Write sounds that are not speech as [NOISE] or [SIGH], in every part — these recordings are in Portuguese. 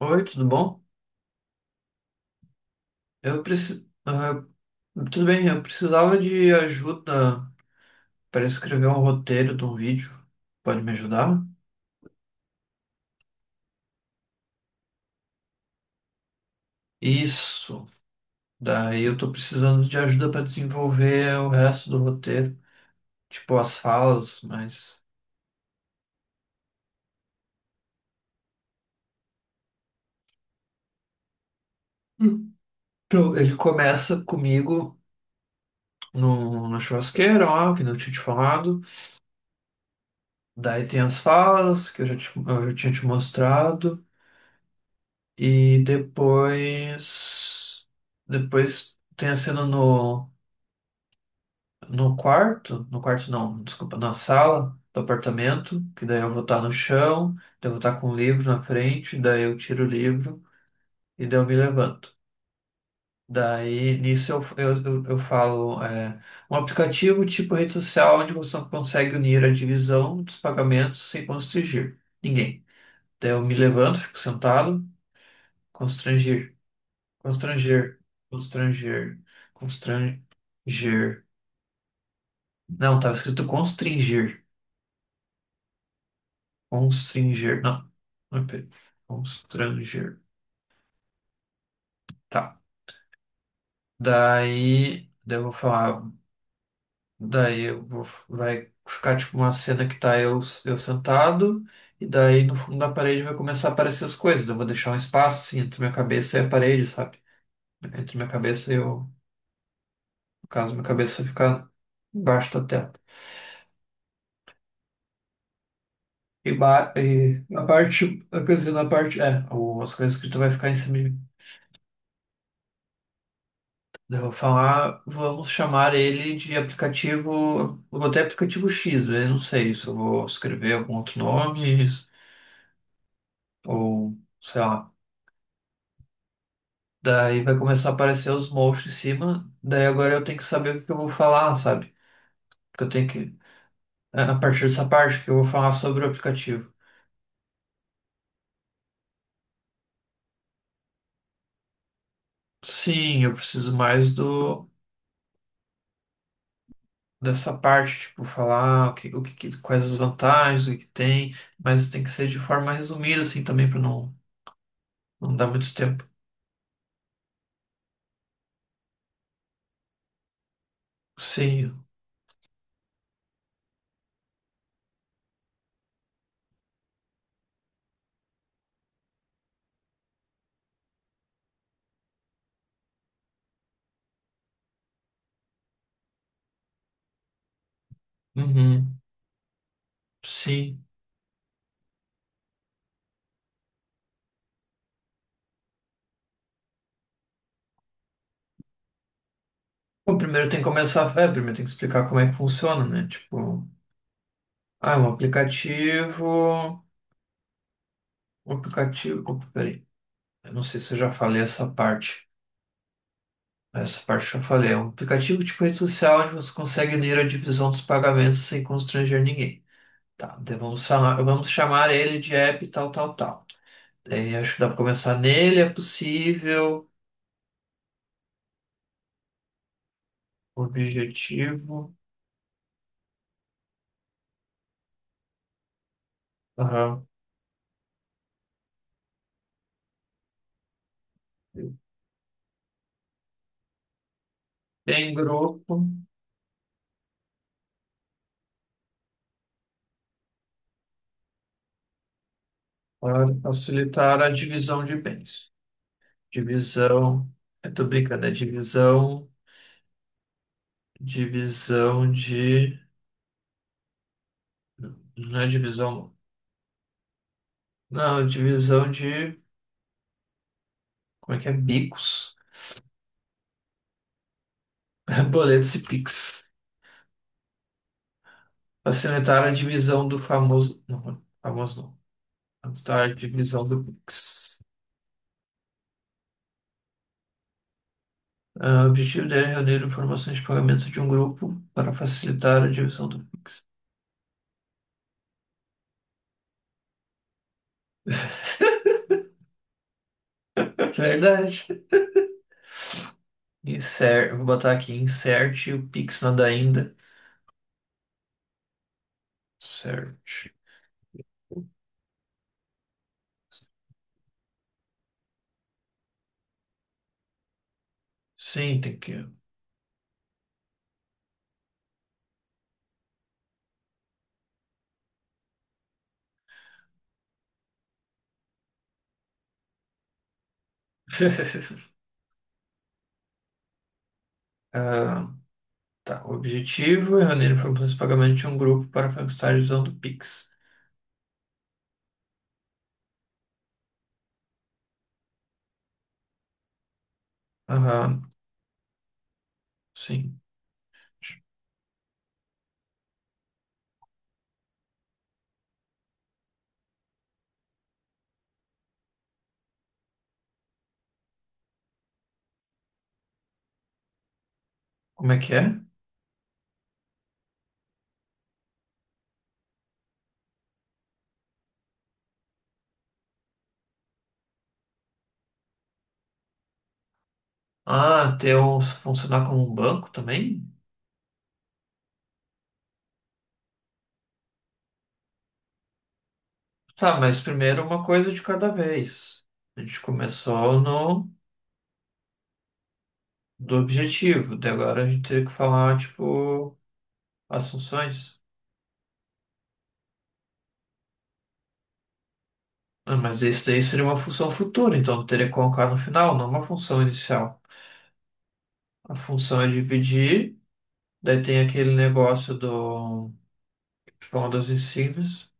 Oi, tudo bom? Eu preciso. Tudo bem, eu precisava de ajuda para escrever um roteiro de um vídeo. Pode me ajudar? Isso. Daí eu tô precisando de ajuda para desenvolver o resto do roteiro, tipo as falas, mas. Então, ele começa comigo no, na churrasqueira, ó, que não tinha te falado. Daí tem as falas que eu já tinha te mostrado. E depois. Depois tem a cena no quarto, no quarto não, desculpa, na sala do apartamento, que daí eu vou estar no chão, daí eu vou estar com o livro na frente, daí eu tiro o livro e daí eu me levanto. Daí nisso eu falo um aplicativo tipo rede social onde você consegue unir a divisão dos pagamentos sem constranger ninguém. Daí eu me levanto, fico sentado, constranger, constranger, constranger, constranger. Não, estava escrito constranger. Constringer. Não. não é pera- Constranger. Tá. Daí eu vou falar. Vai ficar tipo uma cena que tá eu sentado, e daí no fundo da parede vai começar a aparecer as coisas. Daí eu vou deixar um espaço assim entre minha cabeça e a parede, sabe? Entre minha cabeça e eu. No caso, minha cabeça ficar embaixo da tela. E, ba e na parte, Quer dizer, na parte, as coisas escritas vai ficar em cima de mim. Eu vou falar, vamos chamar ele de aplicativo. Eu botei aplicativo X, eu não sei se eu vou escrever algum outro nome, ou sei lá. Daí vai começar a aparecer os monstros em cima, daí agora eu tenho que saber o que que eu vou falar, sabe? Porque eu tenho que. É a partir dessa parte que eu vou falar sobre o aplicativo. Sim, eu preciso mais do. Dessa parte, tipo, falar quais as vantagens, o que que tem, mas tem que ser de forma resumida, assim, também, para não, não dar muito tempo. Sim, uhum, sim. Bom, primeiro tem que começar, primeiro tem que explicar como é que funciona, né? Tipo, ah, um aplicativo, opa, peraí, eu não sei se eu já falei essa parte eu já falei, é um aplicativo tipo rede social onde você consegue ler a divisão dos pagamentos sem constranger ninguém. Tá, então vamos chamar ele de app tal, tal, tal. Daí acho que dá pra começar nele, é possível, objetivo, aham, tem grupo. Para facilitar a divisão de bens. Divisão. Eu tô brincando, é divisão. Divisão de. Não é divisão. Não, é divisão de. Como é que é? Bicos. [LAUGHS] Boletos e Pix. Facilitar a divisão do famoso. Não, famoso não. Facilitar a divisão do Pix. Ah, o objetivo dela é reunir informações de pagamento de um grupo para facilitar a divisão do Pix. [LAUGHS] Verdade. Insert, vou botar aqui, insert o Pix nada ainda. Certo. Sim, tem que. [LAUGHS] Ah, tá. O objetivo é reunir informações de pagamento de um grupo para Frankenstein usando o Pix. Aham, sim. Como é que é? Ah, ter um, funcionar como um banco também? Tá, mas primeiro uma coisa de cada vez. A gente começou no do objetivo, daí agora a gente teria que falar, tipo, as funções. Ah, mas isso daí seria uma função futura, então teria que colocar no final, não uma função inicial. A função é dividir. Daí tem aquele negócio do. Tipo, uma das insígnias.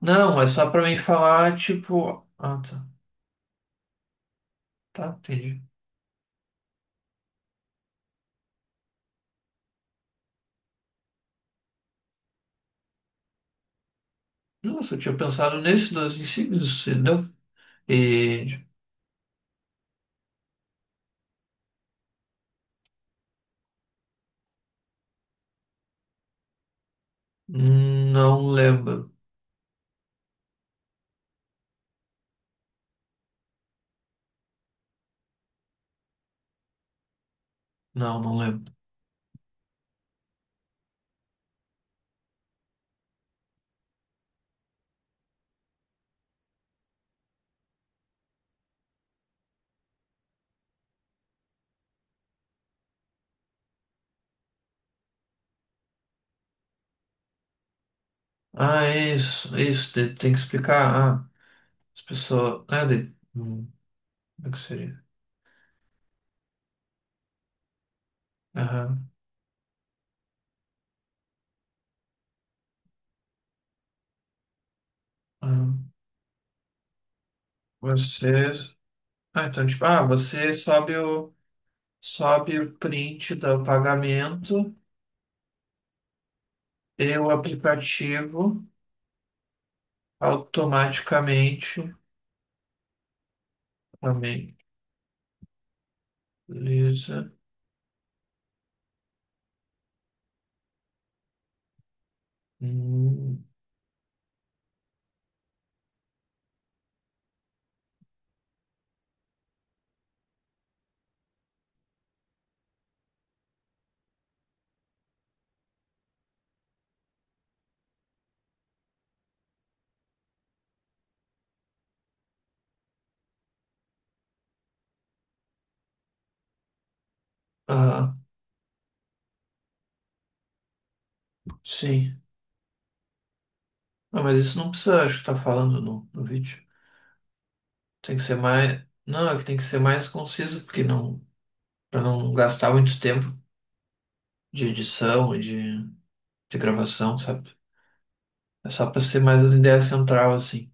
Não, é só pra mim falar, tipo. Ah, tá. Tá, entendi. Nossa, eu tinha pensado nesse das insígnias, entendeu? E. Não lembro. Não, não lembro. Ah, é isso, é isso. Daí tem que explicar. Ah, as pessoas. Como é que seria? Aham. Aham. Vocês. Ah, então, tipo, ah, você sobe o. Sobe o print do pagamento. E o aplicativo automaticamente também. Beleza. Hum, ah, sim. Ah, mas isso não precisa, acho que tá falando no vídeo. Tem que ser mais. Não, é que tem que ser mais conciso, porque não. Pra não gastar muito tempo de edição de gravação, sabe? É só pra ser mais a ideia central, assim.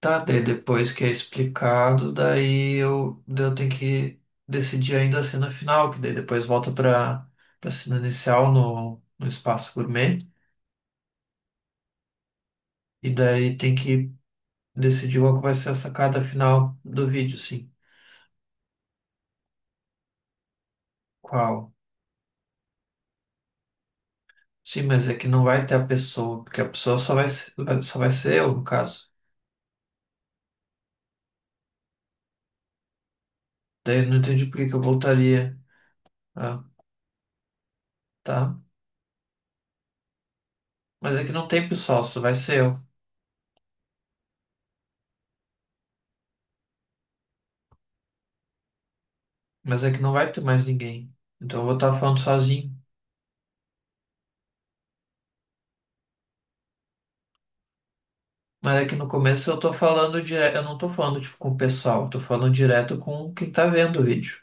Tá, daí depois que é explicado, daí eu tenho que decidir ainda a cena final, que daí depois volta para a cena inicial no espaço gourmet, e daí tem que decidir qual que vai ser a sacada final do vídeo, sim. Qual? Sim, mas é que não vai ter a pessoa, porque a pessoa só vai ser eu, no caso. Daí eu não entendi por que que eu voltaria. Ah, tá. Mas é que não tem pessoal, só vai ser eu. Mas é que não vai ter mais ninguém. Então eu vou estar falando sozinho. Mas é que no começo eu tô falando direto, eu não tô falando tipo com o pessoal, eu tô falando direto com quem tá vendo o vídeo.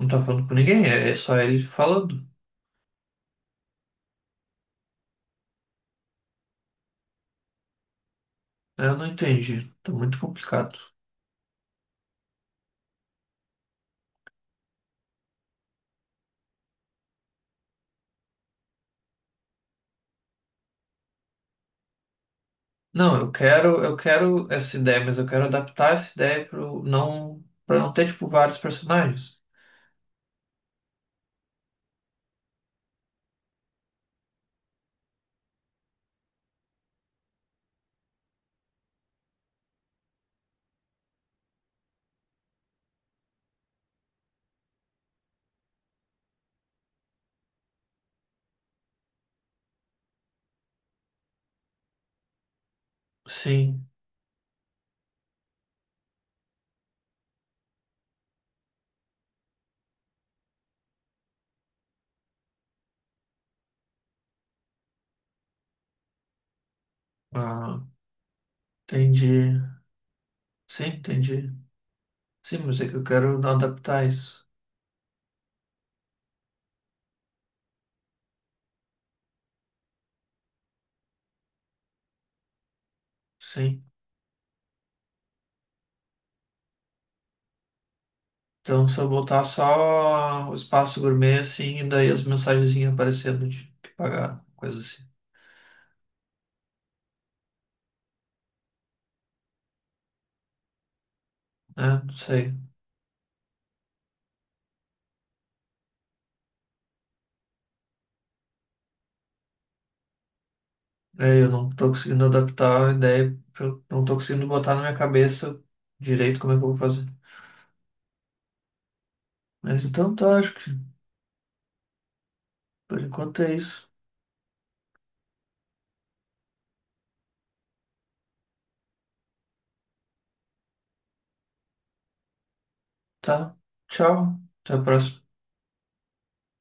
Não tô falando com ninguém, é só ele falando. Eu não entendi, tá muito complicado. Não, eu quero essa ideia, mas eu quero adaptar essa ideia pro não para não ter tipo vários personagens. Sim, ah, entendi. Sim, entendi. Sim, mas é que eu quero adaptar isso. Sim. Então, se eu botar só o espaço gourmet, assim, e daí as mensagenzinhas aparecendo de que pagar, coisa assim, né? Não sei. É, eu não tô conseguindo adaptar a ideia, eu não tô conseguindo botar na minha cabeça direito como é que eu vou fazer. Mas então tá, acho que por enquanto é isso. Tá? Tchau. Até a próxima.